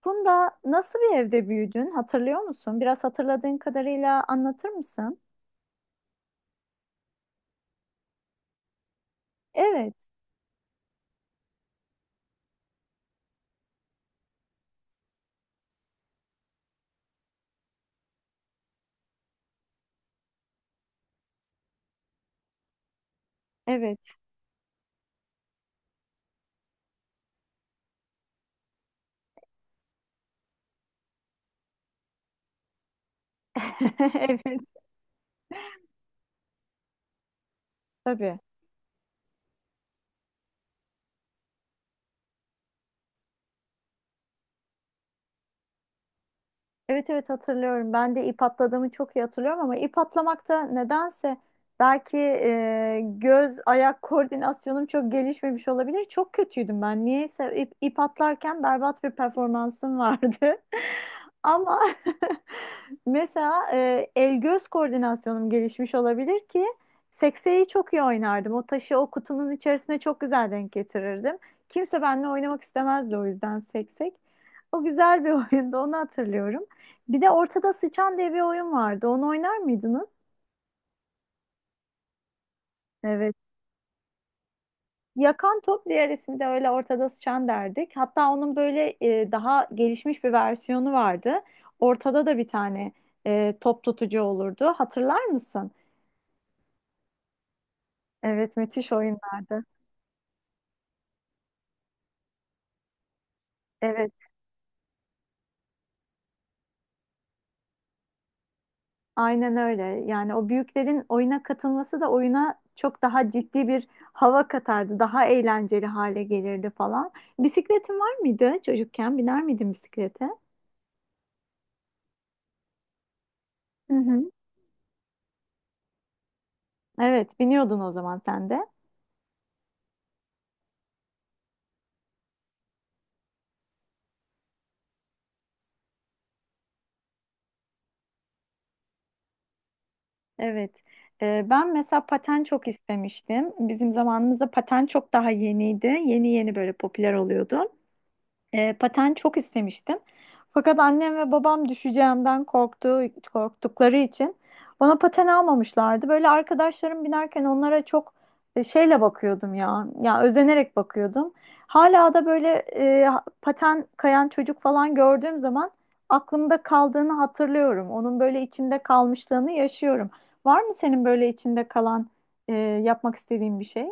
Funda nasıl bir evde büyüdün hatırlıyor musun? Biraz hatırladığın kadarıyla anlatır mısın? Evet, evet. Evet, tabii. Evet, evet, hatırlıyorum. Ben de ip atladığımı çok iyi hatırlıyorum ama ip atlamakta nedense belki göz ayak koordinasyonum çok gelişmemiş olabilir. Çok kötüydüm ben. Niyeyse ip atlarken berbat bir performansım vardı. Ama mesela el göz koordinasyonum gelişmiş olabilir ki sekseyi çok iyi oynardım. O taşı o kutunun içerisine çok güzel denk getirirdim. Kimse benimle oynamak istemezdi o yüzden seksek. O güzel bir oyundu, onu hatırlıyorum. Bir de Ortada Sıçan diye bir oyun vardı. Onu oynar mıydınız? Evet. Yakan top, diğer ismi de öyle, ortada sıçan derdik. Hatta onun böyle daha gelişmiş bir versiyonu vardı. Ortada da bir tane top tutucu olurdu. Hatırlar mısın? Evet, müthiş oyunlardı. Evet, aynen öyle. Yani o büyüklerin oyuna katılması da oyuna çok daha ciddi bir hava katardı. Daha eğlenceli hale gelirdi falan. Bisikletin var mıydı çocukken? Biner miydin bisiklete? Hı hı. Evet, biniyordun o zaman sen de. Evet. Ben mesela paten çok istemiştim. Bizim zamanımızda paten çok daha yeniydi. Yeni yeni böyle popüler oluyordu. Paten çok istemiştim. Fakat annem ve babam düşeceğimden korktuğu, korktukları için bana paten almamışlardı. Böyle arkadaşlarım binerken onlara çok şeyle bakıyordum ya. Ya özenerek bakıyordum. Hala da böyle paten kayan çocuk falan gördüğüm zaman aklımda kaldığını hatırlıyorum. Onun böyle içimde kalmışlığını yaşıyorum. Var mı senin böyle içinde kalan e, yapmak istediğin bir şey?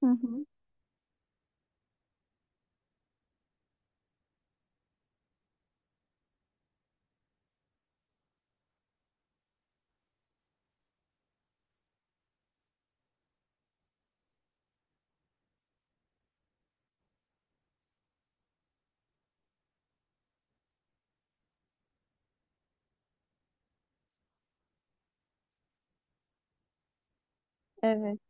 Hı hı. Evet.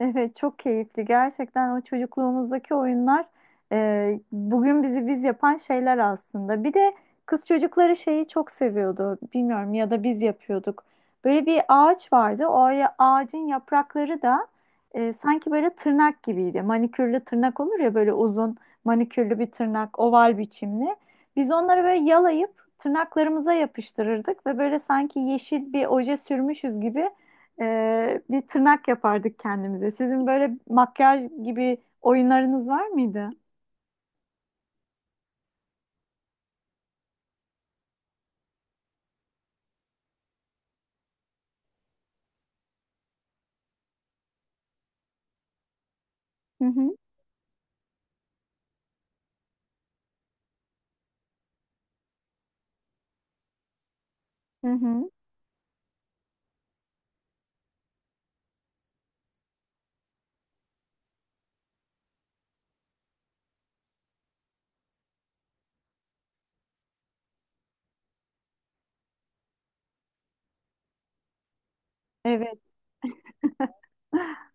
Evet, çok keyifli. Gerçekten o çocukluğumuzdaki oyunlar bugün bizi biz yapan şeyler aslında. Bir de kız çocukları şeyi çok seviyordu. Bilmiyorum ya da biz yapıyorduk. Böyle bir ağaç vardı. Ağacın yaprakları da sanki böyle tırnak gibiydi. Manikürlü tırnak olur ya böyle uzun manikürlü bir tırnak, oval biçimli. Biz onları böyle yalayıp tırnaklarımıza yapıştırırdık ve böyle sanki yeşil bir oje sürmüşüz gibi bir tırnak yapardık kendimize. Sizin böyle makyaj gibi oyunlarınız var mıydı? Hı hı, hı hı. Evet,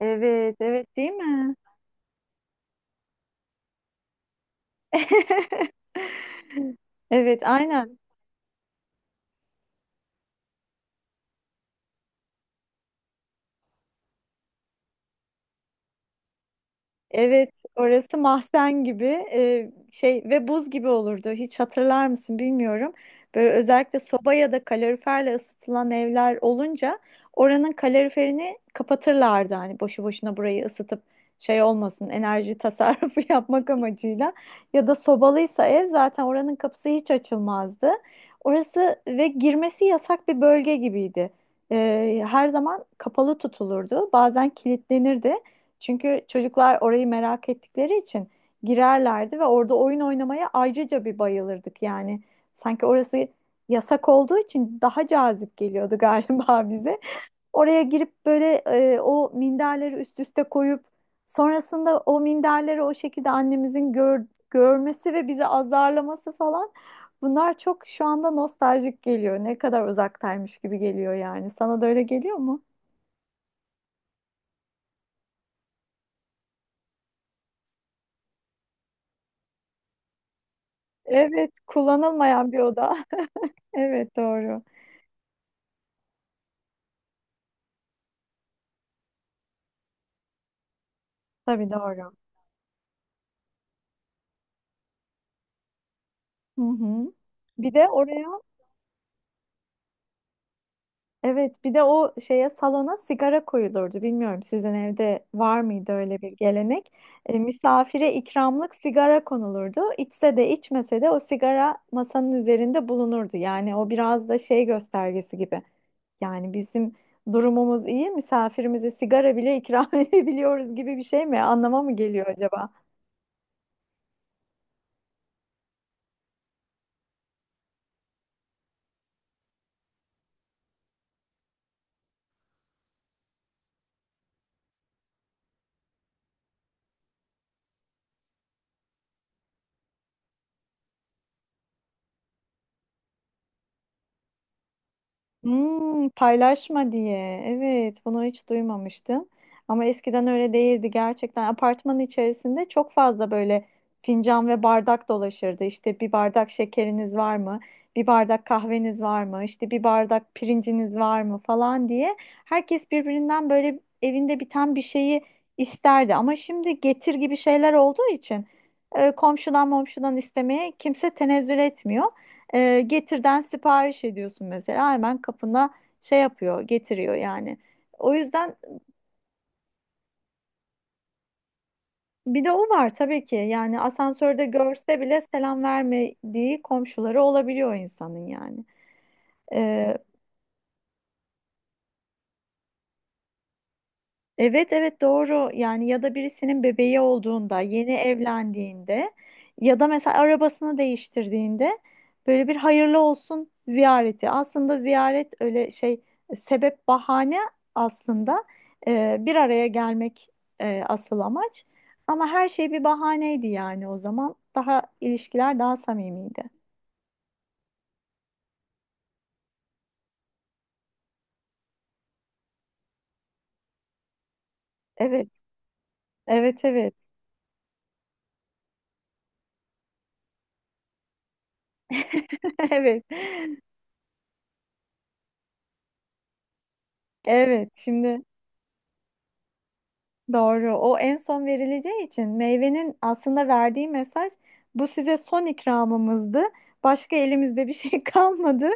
evet, evet, değil mi? Evet, aynen. Evet, orası mahzen gibi şey ve buz gibi olurdu. Hiç hatırlar mısın bilmiyorum. Böyle özellikle soba ya da kaloriferle ısıtılan evler olunca oranın kaloriferini kapatırlardı. Hani boşu boşuna burayı ısıtıp şey olmasın, enerji tasarrufu yapmak amacıyla. Ya da sobalıysa ev, zaten oranın kapısı hiç açılmazdı. Orası ve girmesi yasak bir bölge gibiydi. Her zaman kapalı tutulurdu. Bazen kilitlenirdi. Çünkü çocuklar orayı merak ettikleri için girerlerdi ve orada oyun oynamaya ayrıca bir bayılırdık yani. Sanki orası yasak olduğu için daha cazip geliyordu galiba bize. Oraya girip böyle o minderleri üst üste koyup sonrasında o minderleri o şekilde annemizin görmesi ve bizi azarlaması falan, bunlar çok şu anda nostaljik geliyor. Ne kadar uzaktaymış gibi geliyor yani. Sana da öyle geliyor mu? Evet, kullanılmayan bir oda. Evet, doğru. Tabii, doğru. Hı hı. Bir de oraya, evet, bir de o şeye, salona sigara koyulurdu. Bilmiyorum sizin evde var mıydı öyle bir gelenek? Misafire ikramlık sigara konulurdu. İçse de içmese de o sigara masanın üzerinde bulunurdu. Yani o biraz da şey göstergesi gibi. Yani bizim durumumuz iyi, misafirimize sigara bile ikram edebiliyoruz gibi bir şey mi? Anlama mı geliyor acaba? Hmm, paylaşma diye. Evet, bunu hiç duymamıştım. Ama eskiden öyle değildi gerçekten. Apartmanın içerisinde çok fazla böyle fincan ve bardak dolaşırdı. İşte bir bardak şekeriniz var mı? Bir bardak kahveniz var mı? İşte bir bardak pirinciniz var mı falan diye. Herkes birbirinden böyle evinde biten bir şeyi isterdi. Ama şimdi Getir gibi şeyler olduğu için komşudan momşudan istemeye kimse tenezzül etmiyor. Getir'den sipariş ediyorsun mesela, hemen kapına şey yapıyor, getiriyor yani. O yüzden bir de o var tabii ki. Yani asansörde görse bile selam vermediği komşuları olabiliyor insanın yani. Evet, evet, doğru yani, ya da birisinin bebeği olduğunda, yeni evlendiğinde ya da mesela arabasını değiştirdiğinde böyle bir hayırlı olsun ziyareti. Aslında ziyaret öyle şey, sebep bahane aslında. Bir araya gelmek asıl amaç ama her şey bir bahaneydi yani, o zaman daha ilişkiler daha samimiydi. Evet, evet, evet. Evet, evet, şimdi. Doğru. O en son verileceği için meyvenin aslında verdiği mesaj, bu size son ikramımızdı. Başka elimizde bir şey kalmadı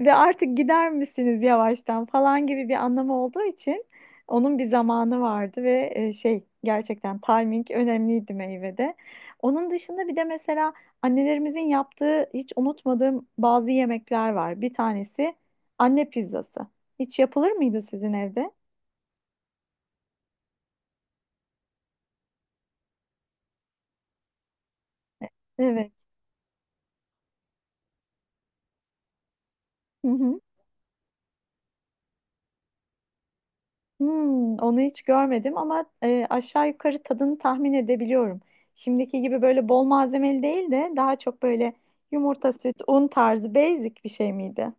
ve artık gider misiniz yavaştan falan gibi bir anlamı olduğu için onun bir zamanı vardı ve şey, gerçekten timing önemliydi meyvede. Onun dışında bir de mesela annelerimizin yaptığı hiç unutmadığım bazı yemekler var. Bir tanesi anne pizzası. Hiç yapılır mıydı sizin evde? Evet. Hı hı. Hmm, onu hiç görmedim ama aşağı yukarı tadını tahmin edebiliyorum. Şimdiki gibi böyle bol malzemeli değil de daha çok böyle yumurta, süt, un tarzı basic bir şey miydi?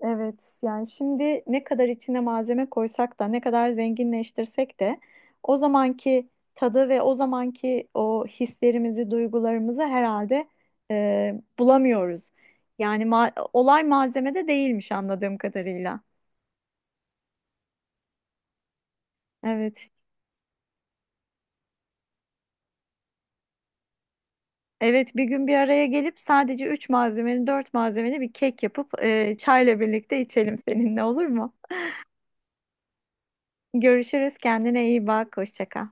Evet, yani şimdi ne kadar içine malzeme koysak da ne kadar zenginleştirsek de o zamanki tadı ve o zamanki o hislerimizi, duygularımızı herhalde bulamıyoruz. Yani olay malzemede değilmiş anladığım kadarıyla. Evet. Evet, bir gün bir araya gelip sadece üç malzemeli, dört malzemeli bir kek yapıp çayla birlikte içelim seninle, olur mu? Görüşürüz, kendine iyi bak, hoşça kal.